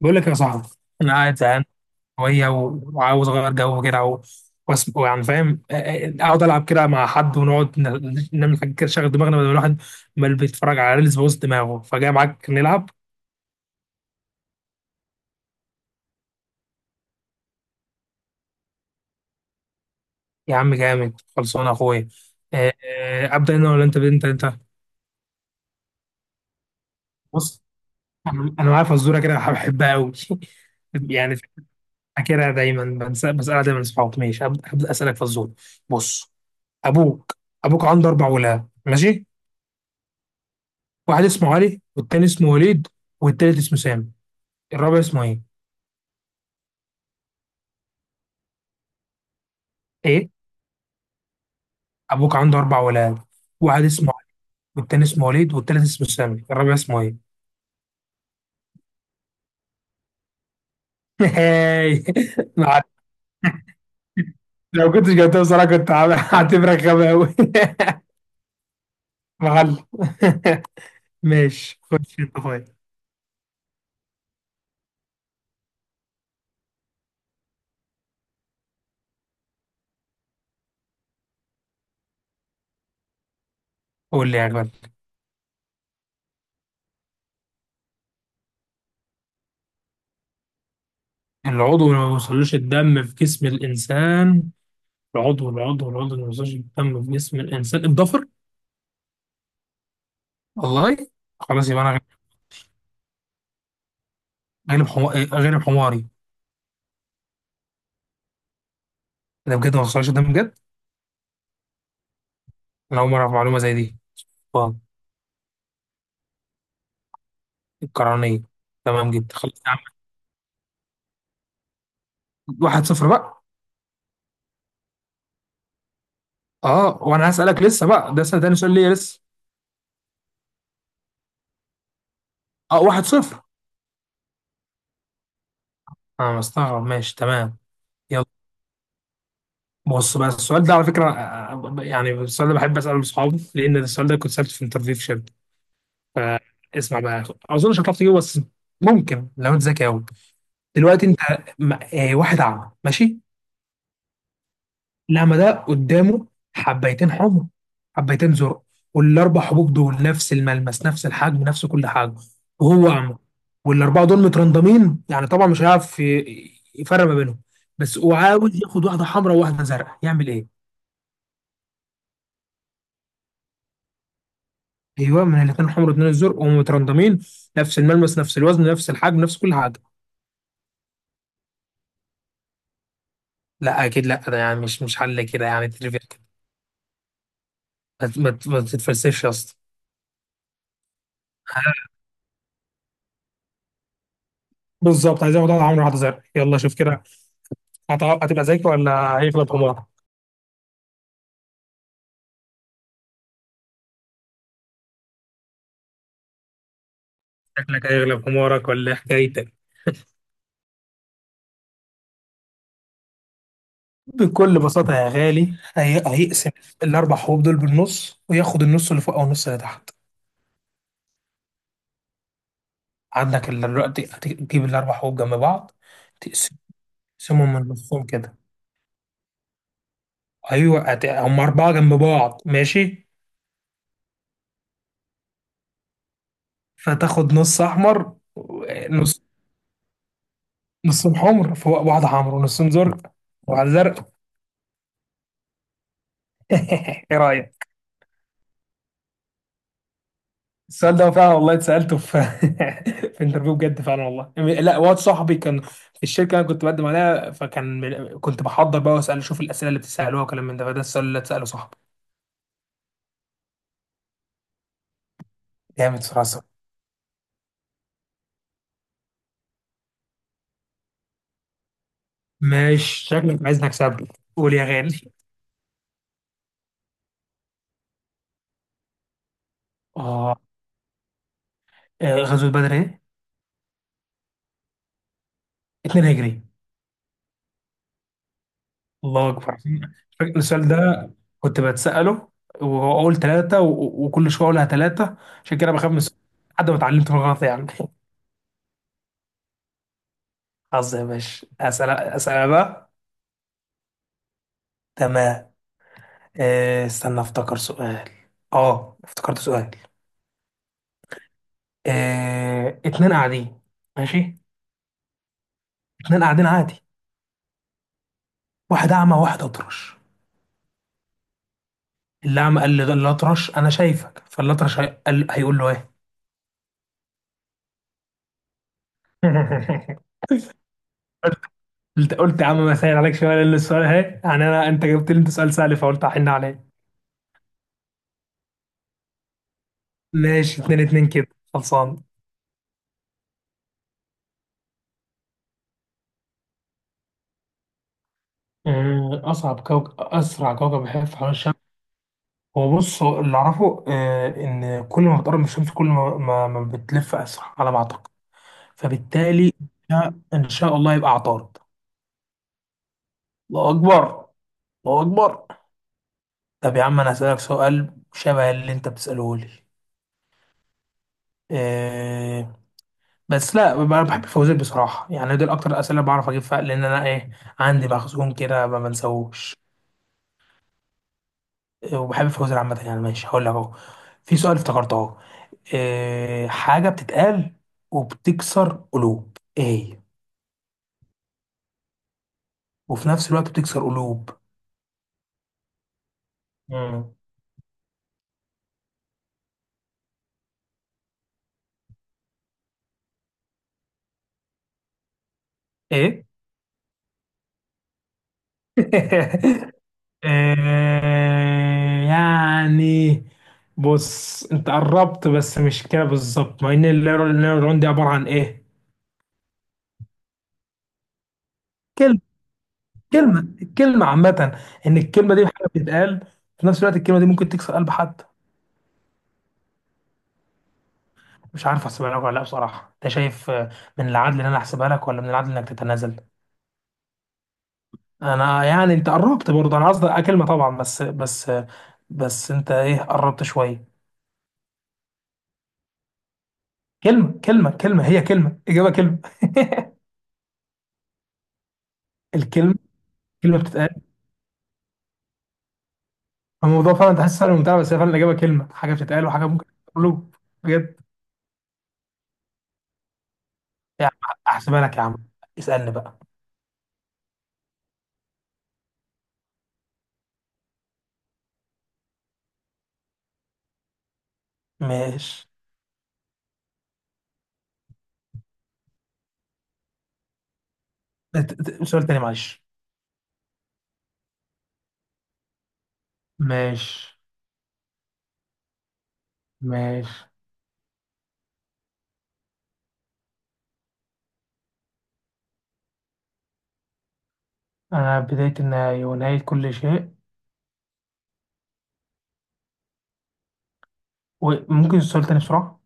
بقول لك يا صاحبي، انا قاعد زهقان شويه وعاوز اغير جو كده ويعني فاهم. اقعد العب كده مع حد، ونقعد نعمل حاجه كده، شغل دماغنا، بدل الواحد ما اللي بيتفرج على ريلز بوظ دماغه، فجاي معاك نلعب. يا عم جامد، خلصانه يا اخويا. ابدا انا ولا انت؟ بص، انا معايا فزوره كده بحبها قوي. يعني، فاكرها دايما، بسالها دايما اصحابي. ماشي، هبدأ اسالك فزوره. بص، ابوك. عنده اربع ولاد، ماشي. واحد اسمه علي، والتاني اسمه وليد، والتالت اسمه سامي، الرابع اسمه ايه؟ ايه؟ ابوك عنده اربع ولاد. واحد اسمه علي، والتاني اسمه وليد والتالت اسمه سامي، الرابع اسمه ايه؟ هاي. ما عرف- لو كنتش جبتها بصراحة، هعتبرك غبي قوي. مغل. ماشي، خش انت طيب. قول لي يا غالي. العضو اللي ما بيوصلوش الدم في جسم الانسان. العضو اللي ما بيوصلوش الدم في جسم الانسان، الضفر. والله. خلاص، يبقى انا غالب حماري غالب حماري. ده بجد ما حصلش، ده بجد. انا اول مره اعرف معلومه زي دي. واو. القرنيه. تمام جدا، خلاص يا عم. واحد صفر بقى. اه، وانا هسالك لسه بقى، ده سنة تاني سؤال ليا لسه. اه، واحد صفر. انا مستغرب، ماشي، تمام. يلا. بص بقى، السؤال ده على فكره. يعني السؤال ده بحب اساله لاصحابي، لان السؤال ده كنت سالته في انترفيو في شركه. فاسمع بقى. اظن مش هتعرف تجيبه، بس ممكن لو انت ذكي قوي. دلوقتي انت، واحد اعمى، ماشي. لا، ما ده قدامه حبيتين حمر، حبيتين زرق، والاربع حبوب دول نفس الملمس، نفس الحجم، نفس كل حاجه. وهو اعمى، والاربعه دول مترندمين. يعني طبعا مش هيعرف يفرق ما بينهم. بس وعاوز ياخد واحده حمراء وواحده زرقاء، يعمل ايه؟ ايوه، من الاثنين الحمر واثنين الزرق، وهم مترندمين، نفس الملمس، نفس الوزن، نفس الحجم، نفس كل حاجه. لا اكيد لا، ده يعني مش حل كده، يعني تريفيا كده. ما تتفلسفش يا اسطى. بالظبط، عايز ياخد واحده حمراء واحده زرقاء. يلا شوف كده، هتبقى ذكي ولا هيغلب حمارك؟ شكلك هيغلب حمارك ولا إيه حكايتك؟ بكل بساطة يا غالي، هيقسم الأربع حبوب دول بالنص، وياخد النص اللي فوق أو النص اللي تحت. دلوقتي هتجيب الأربع حبوب جنب بعض. تقسم- تقسمهم من نصهم كده. أيوه، هم أربعة جنب بعض، ماشي. فتاخد نص أحمر نص. نصهم حمر فوق بعض، حمر، ونصهم زرق وبعد زرق. إيه رأيك؟ السؤال ده فعلا والله اتسألته في في انترفيو، بجد فعلا والله. لا، واد صاحبي كان في الشركه اللي انا كنت بقدم عليها، فكان كنت بحضر بقى واسال، اشوف الاسئله اللي بتسالوها وكلام من ده. فده السؤال اللي اتساله صاحبي. جامد صراحة. ماشي، شكلك عايزني اكسبك. قول يا غالي. اه. غزوة بدر ايه؟ 2 هجري. الله اكبر. فاكر السؤال ده كنت بتسأله، واقول ثلاثة، وكل شوية اقولها ثلاثة. عشان كده بخاف من السؤال. لحد ما اتعلمت من الغلط يعني. حظ يا باشا. اسأل اسأل أنا بقى. تمام. استنى افتكر سؤال. اه افتكرت سؤال. اتنين قاعدين، ماشي. اتنين قاعدين عادي. واحد اعمى واحد اطرش. اللي اعمى قال للاطرش انا شايفك، فالاطرش قال هيقول له ايه. قلت قلت يا عم ما سهل عليك شويه، لان السؤال اهي، يعني انا، انت جبت لي انت سؤال سهل، فقلت احن عليه. ماشي، اتنين اتنين كده، خلصان. آه، اصعب كوكب اسرع كوكب بيحف حوالين الشمس. هو بص، هو اللي اعرفه ان كل ما بتقرب من الشمس، كل ما بتلف اسرع على ما اعتقد. فبالتالي، ان شاء الله يبقى عطارد. الله اكبر. الله اكبر. طب يا عم، انا هسألك سؤال شبه اللي انت بتسأله لي. إيه. بس لا، انا بحب الفوازير بصراحة يعني، دول اكتر الاسئلة اللي بعرف اجيب فيها، لان انا ايه؟ عندي مخزون كده ما بنساهوش. إيه، وبحب الفوازير عامة يعني. ماشي، هقول لك اهو. في سؤال افتكرته اهو. إيه حاجة بتتقال وبتكسر قلوب، ايه هي؟ وفي نفس الوقت بتكسر قلوب. مم. ايه. يعني، بص، انت قربت بس مش كده بالظبط، مع ان النيورون دي عباره عن ايه؟ كلمه كلمه الكلمه عامه. ان الكلمه دي حاجه بتتقال. في نفس الوقت الكلمه دي ممكن تكسر قلب حد. مش عارف احسبها لك ولا لا بصراحه، انت شايف، من العدل ان انا احسبها لك ولا من العدل انك تتنازل؟ انا يعني، انت قربت برضه، انا قصدي كلمه طبعا، بس انت ايه، قربت شويه. كلمه هي كلمه اجابه كلمه. الكلمه، كلمه بتتقال. الموضوع فعلا تحس سهل وممتع، بس هي فعلا الإجابة كلمة، حاجة بتتقال وحاجة ممكن تقوله. بجد. يا عم، أحسبها لك يا عم. اسألني بقى. ماشي. سؤال تاني معلش. ماشي. ماشي. أنا بداية النهاية ونهاية كل شيء. وممكن السؤال تاني بسرعة؟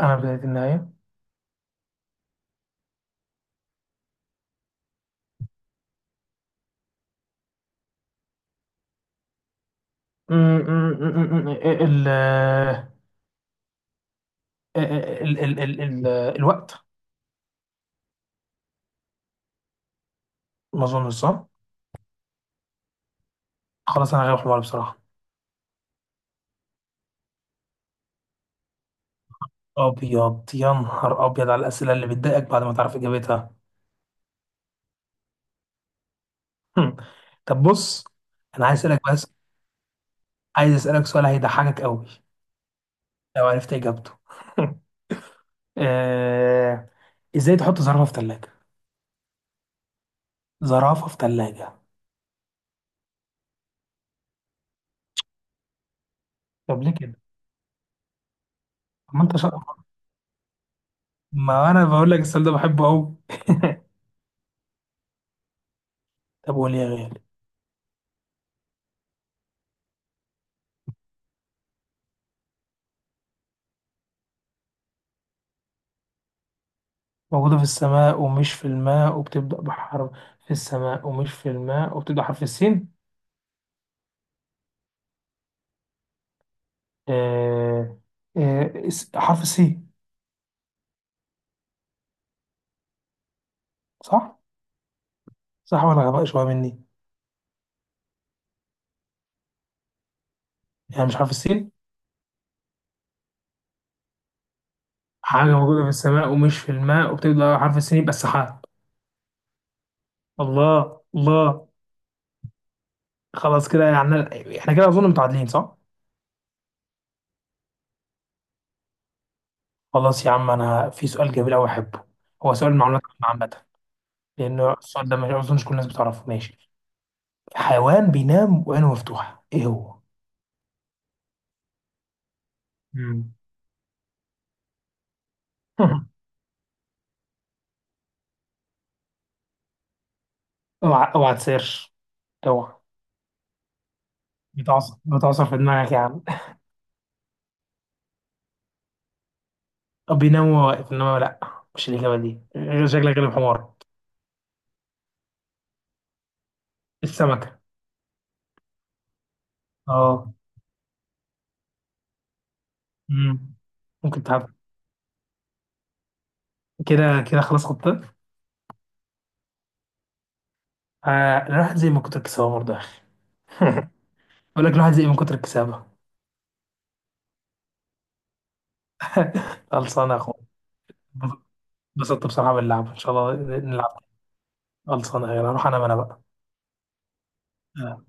أنا بداية النهاية. م- م- م- م- إيه ال إيه ال ال ال ال الوقت. ما أظنش صح. خلاص، أنا غير حمار بصراحة. أبيض يا نهار أبيض على الأسئلة اللي بتضايقك بعد ما تعرف إجابتها. هم. طب، بص، انا عايز اسالك بس. عايز اسالك سؤال هيضحكك قوي لو عرفت اجابته. آه... ازاي تحط زرافه في ثلاجه؟ زرافه في ثلاجه. طب ليه كده؟ طب ما انت شاطر. ما انا بقول لك السؤال ده بحبه قوي. طب قول يا غالي. موجوده في السماء ومش في الماء وبتبدا بحرف. في السماء ومش في الماء وبتبدا حرف السين. آه... حرف السين. صح؟ صح ولا غباء شويه مني؟ يعني مش حرف السين. حاجة موجودة في السماء ومش في الماء وبتبدأ على حرف السين، يبقى السحاب. الله الله. خلاص كده يعني، احنا كده أظن متعادلين، صح؟ خلاص يا عم، أنا في سؤال جميل أوي أحبه. هو سؤال معلومات عامة عامة، لأنه السؤال ده ما أظنش كل الناس بتعرفه. ماشي. حيوان بينام وعينه مفتوحة، إيه هو؟ مم. اوعى اوعى تسيرش. اوعى. بتعصر بتعصر في دماغك يا عم. بينام وهو واقف، انما لا. مش الإجابة دي، غير شكلك غلب حمار. السمكة. اه. مم. ممكن تهبط. كده. كده خلاص، خطة. الواحد زي ما كتر الكسبة برضه يا أخي. بقول لك الواحد زي ما كتر الكسبة. خلصانة يا أخويا. انبسطت بصراحة باللعب، إن شاء الله نلعب. خلصانة، يلا هروح أنام أنا بقى. آه.